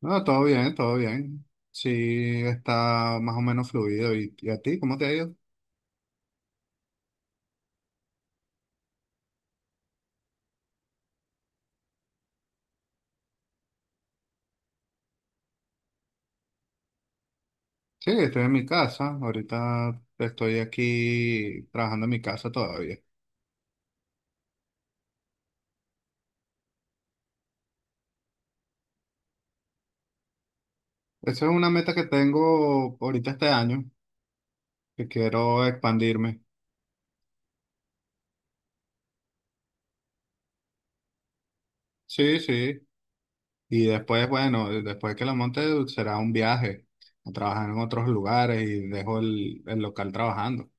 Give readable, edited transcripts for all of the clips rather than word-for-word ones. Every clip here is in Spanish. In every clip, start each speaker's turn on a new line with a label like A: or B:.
A: No, todo bien, todo bien. Sí, está más o menos fluido. ¿Y a ti, cómo te ha ido? Sí, estoy en mi casa. Ahorita estoy aquí trabajando en mi casa todavía. Esa es una meta que tengo ahorita este año, que quiero expandirme. Sí, sí. Y después, bueno, después que la monte será un viaje a trabajar en otros lugares y dejo el local trabajando.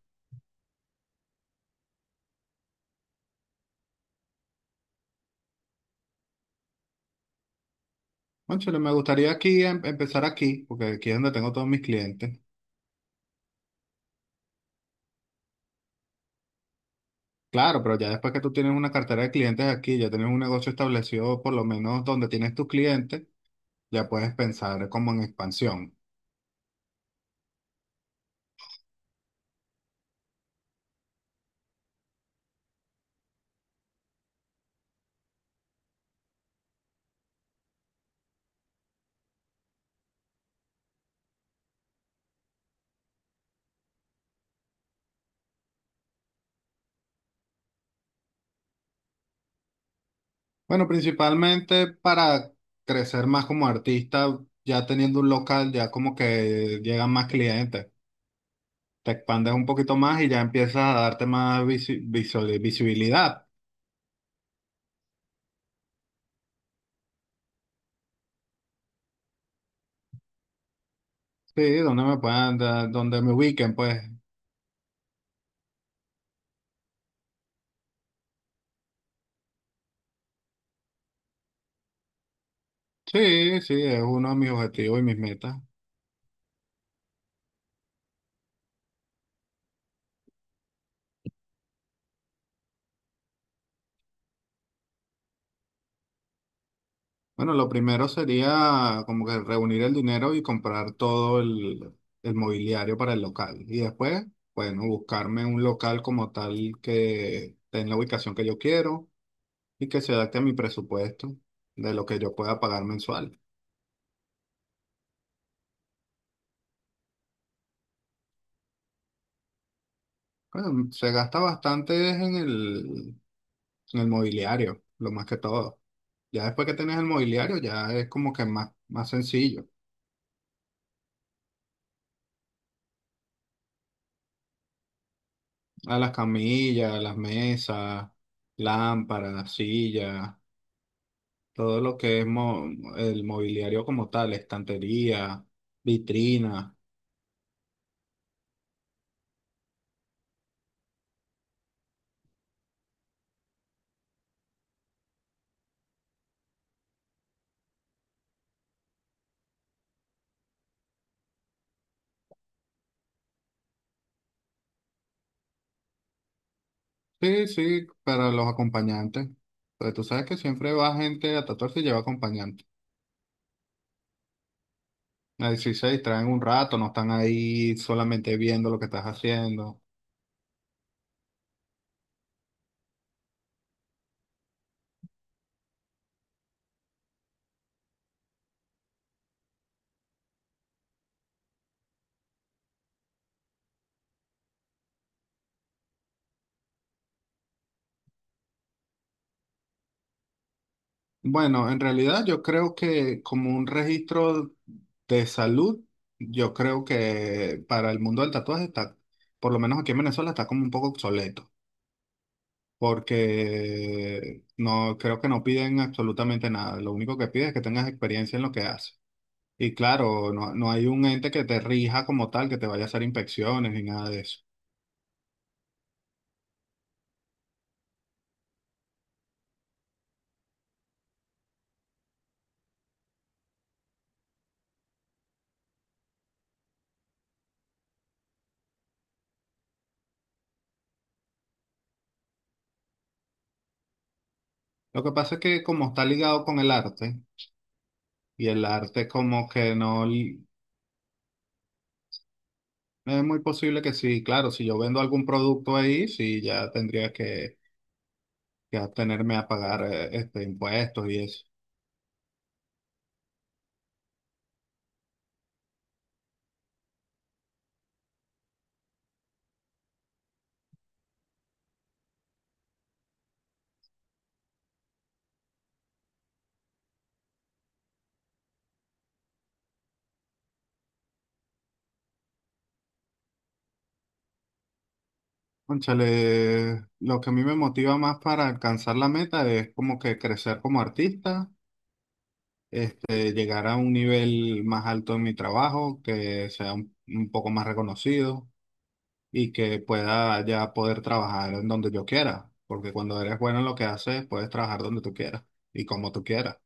A: Cónchale, me gustaría aquí empezar aquí, porque aquí es donde tengo todos mis clientes. Claro, pero ya después que tú tienes una cartera de clientes aquí, ya tienes un negocio establecido, por lo menos donde tienes tus clientes, ya puedes pensar como en expansión. Bueno, principalmente para crecer más como artista, ya teniendo un local, ya como que llegan más clientes, te expandes un poquito más y ya empiezas a darte más visibilidad. Sí, donde me puedan dar, donde me ubiquen, pues. Sí, sí, es uno de mis objetivos y mis metas. Bueno, lo primero sería como que reunir el dinero y comprar todo el mobiliario para el local. Y después, bueno, buscarme un local como tal que tenga la ubicación que yo quiero y que se adapte a mi presupuesto de lo que yo pueda pagar mensual. Bueno, se gasta bastante es en el mobiliario, lo más que todo. Ya después que tenés el mobiliario, ya es como que más, más sencillo. A las camillas, las mesas, lámparas, sillas. Todo lo que es el mobiliario como tal, estantería, vitrina. Sí, sí, para los acompañantes. Porque tú sabes que siempre va gente a tatuarse y lleva acompañante. Así se distraen un rato, no están ahí solamente viendo lo que estás haciendo. Bueno, en realidad yo creo que como un registro de salud, yo creo que para el mundo del tatuaje está, por lo menos aquí en Venezuela, está como un poco obsoleto. Porque no creo que no piden absolutamente nada. Lo único que piden es que tengas experiencia en lo que haces. Y claro, no, no hay un ente que te rija como tal, que te vaya a hacer inspecciones ni nada de eso. Lo que pasa es que como está ligado con el arte, y el arte como que no... li- Es muy posible que sí, claro, si yo vendo algún producto ahí, sí, ya tendría que atenerme a pagar este, impuestos y eso. Cónchale, lo que a mí me motiva más para alcanzar la meta es como que crecer como artista, este, llegar a un nivel más alto en mi trabajo, que sea un poco más reconocido y que pueda ya poder trabajar en donde yo quiera, porque cuando eres bueno en lo que haces, puedes trabajar donde tú quieras y como tú quieras.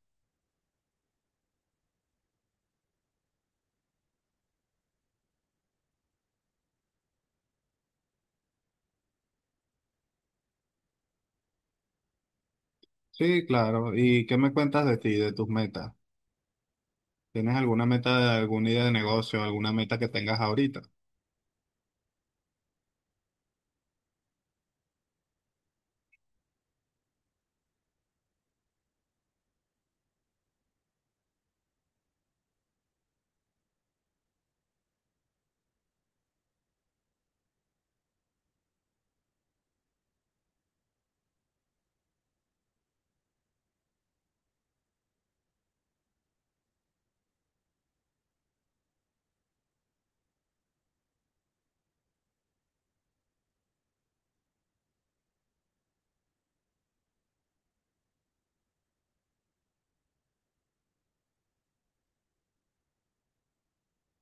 A: Sí, claro. ¿Y qué me cuentas de ti, de tus metas? ¿Tienes alguna meta, alguna idea de negocio, alguna meta que tengas ahorita?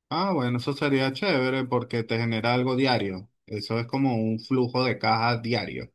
A: Ah, bueno, eso sería chévere porque te genera algo diario. Eso es como un flujo de caja diario.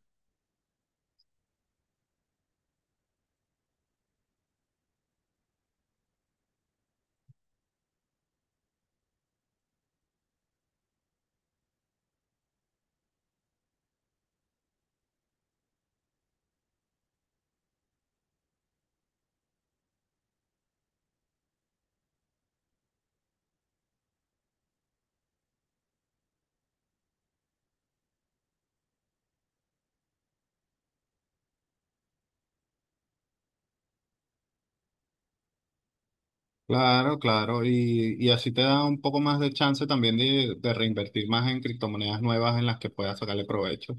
A: Claro, claro. Y así te da un poco más de chance también de reinvertir más en criptomonedas nuevas en las que puedas sacarle provecho.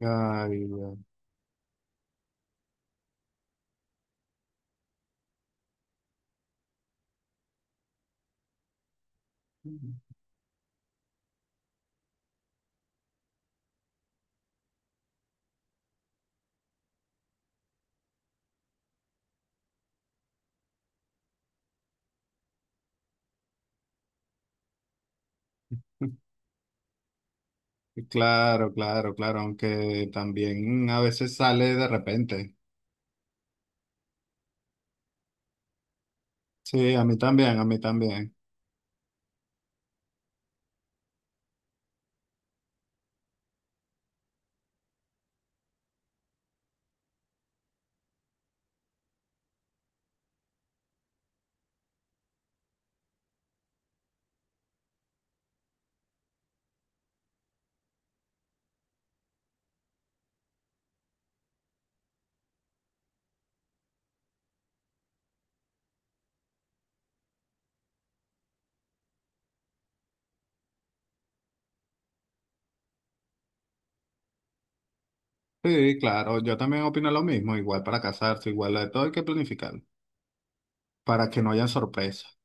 A: Ay, ya. Claro, claro, claro. Aunque también a veces sale de repente. Sí, a mí también, a mí también. Sí, claro, yo también opino lo mismo. Igual para casarse, igual de todo hay que planificar para que no haya sorpresas.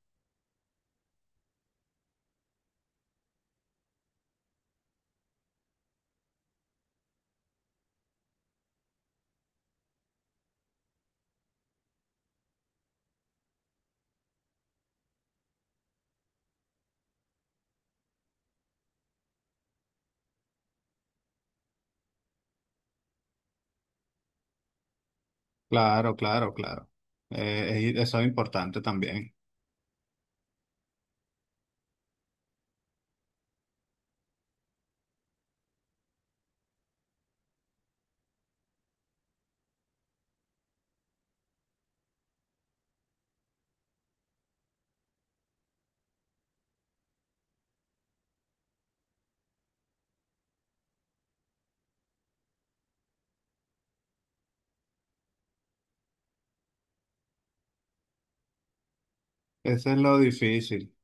A: Claro, claro, claro. Eso es importante también. Eso es lo difícil.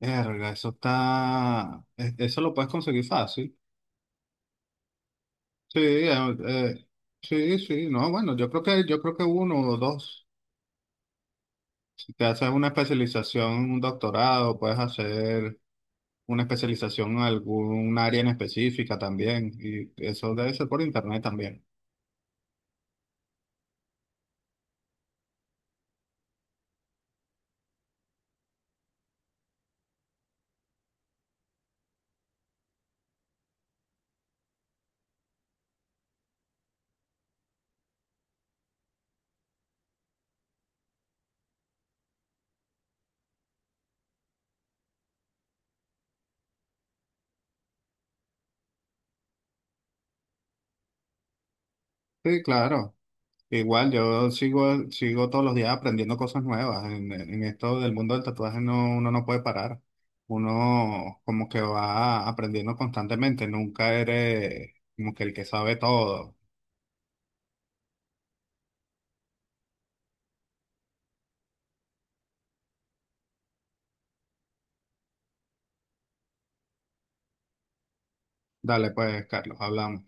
A: Verga, eso está. Eso lo puedes conseguir fácil. Sí, sí, sí. No, bueno, yo creo que uno o dos. Si te haces una especialización, un doctorado, puedes hacer una especialización en algún área en específica también. Y eso debe ser por internet también. Sí, claro. Igual, yo sigo, sigo todos los días aprendiendo cosas nuevas. En esto del mundo del tatuaje no, uno no puede parar. Uno como que va aprendiendo constantemente. Nunca eres como que el que sabe todo. Dale pues, Carlos, hablamos.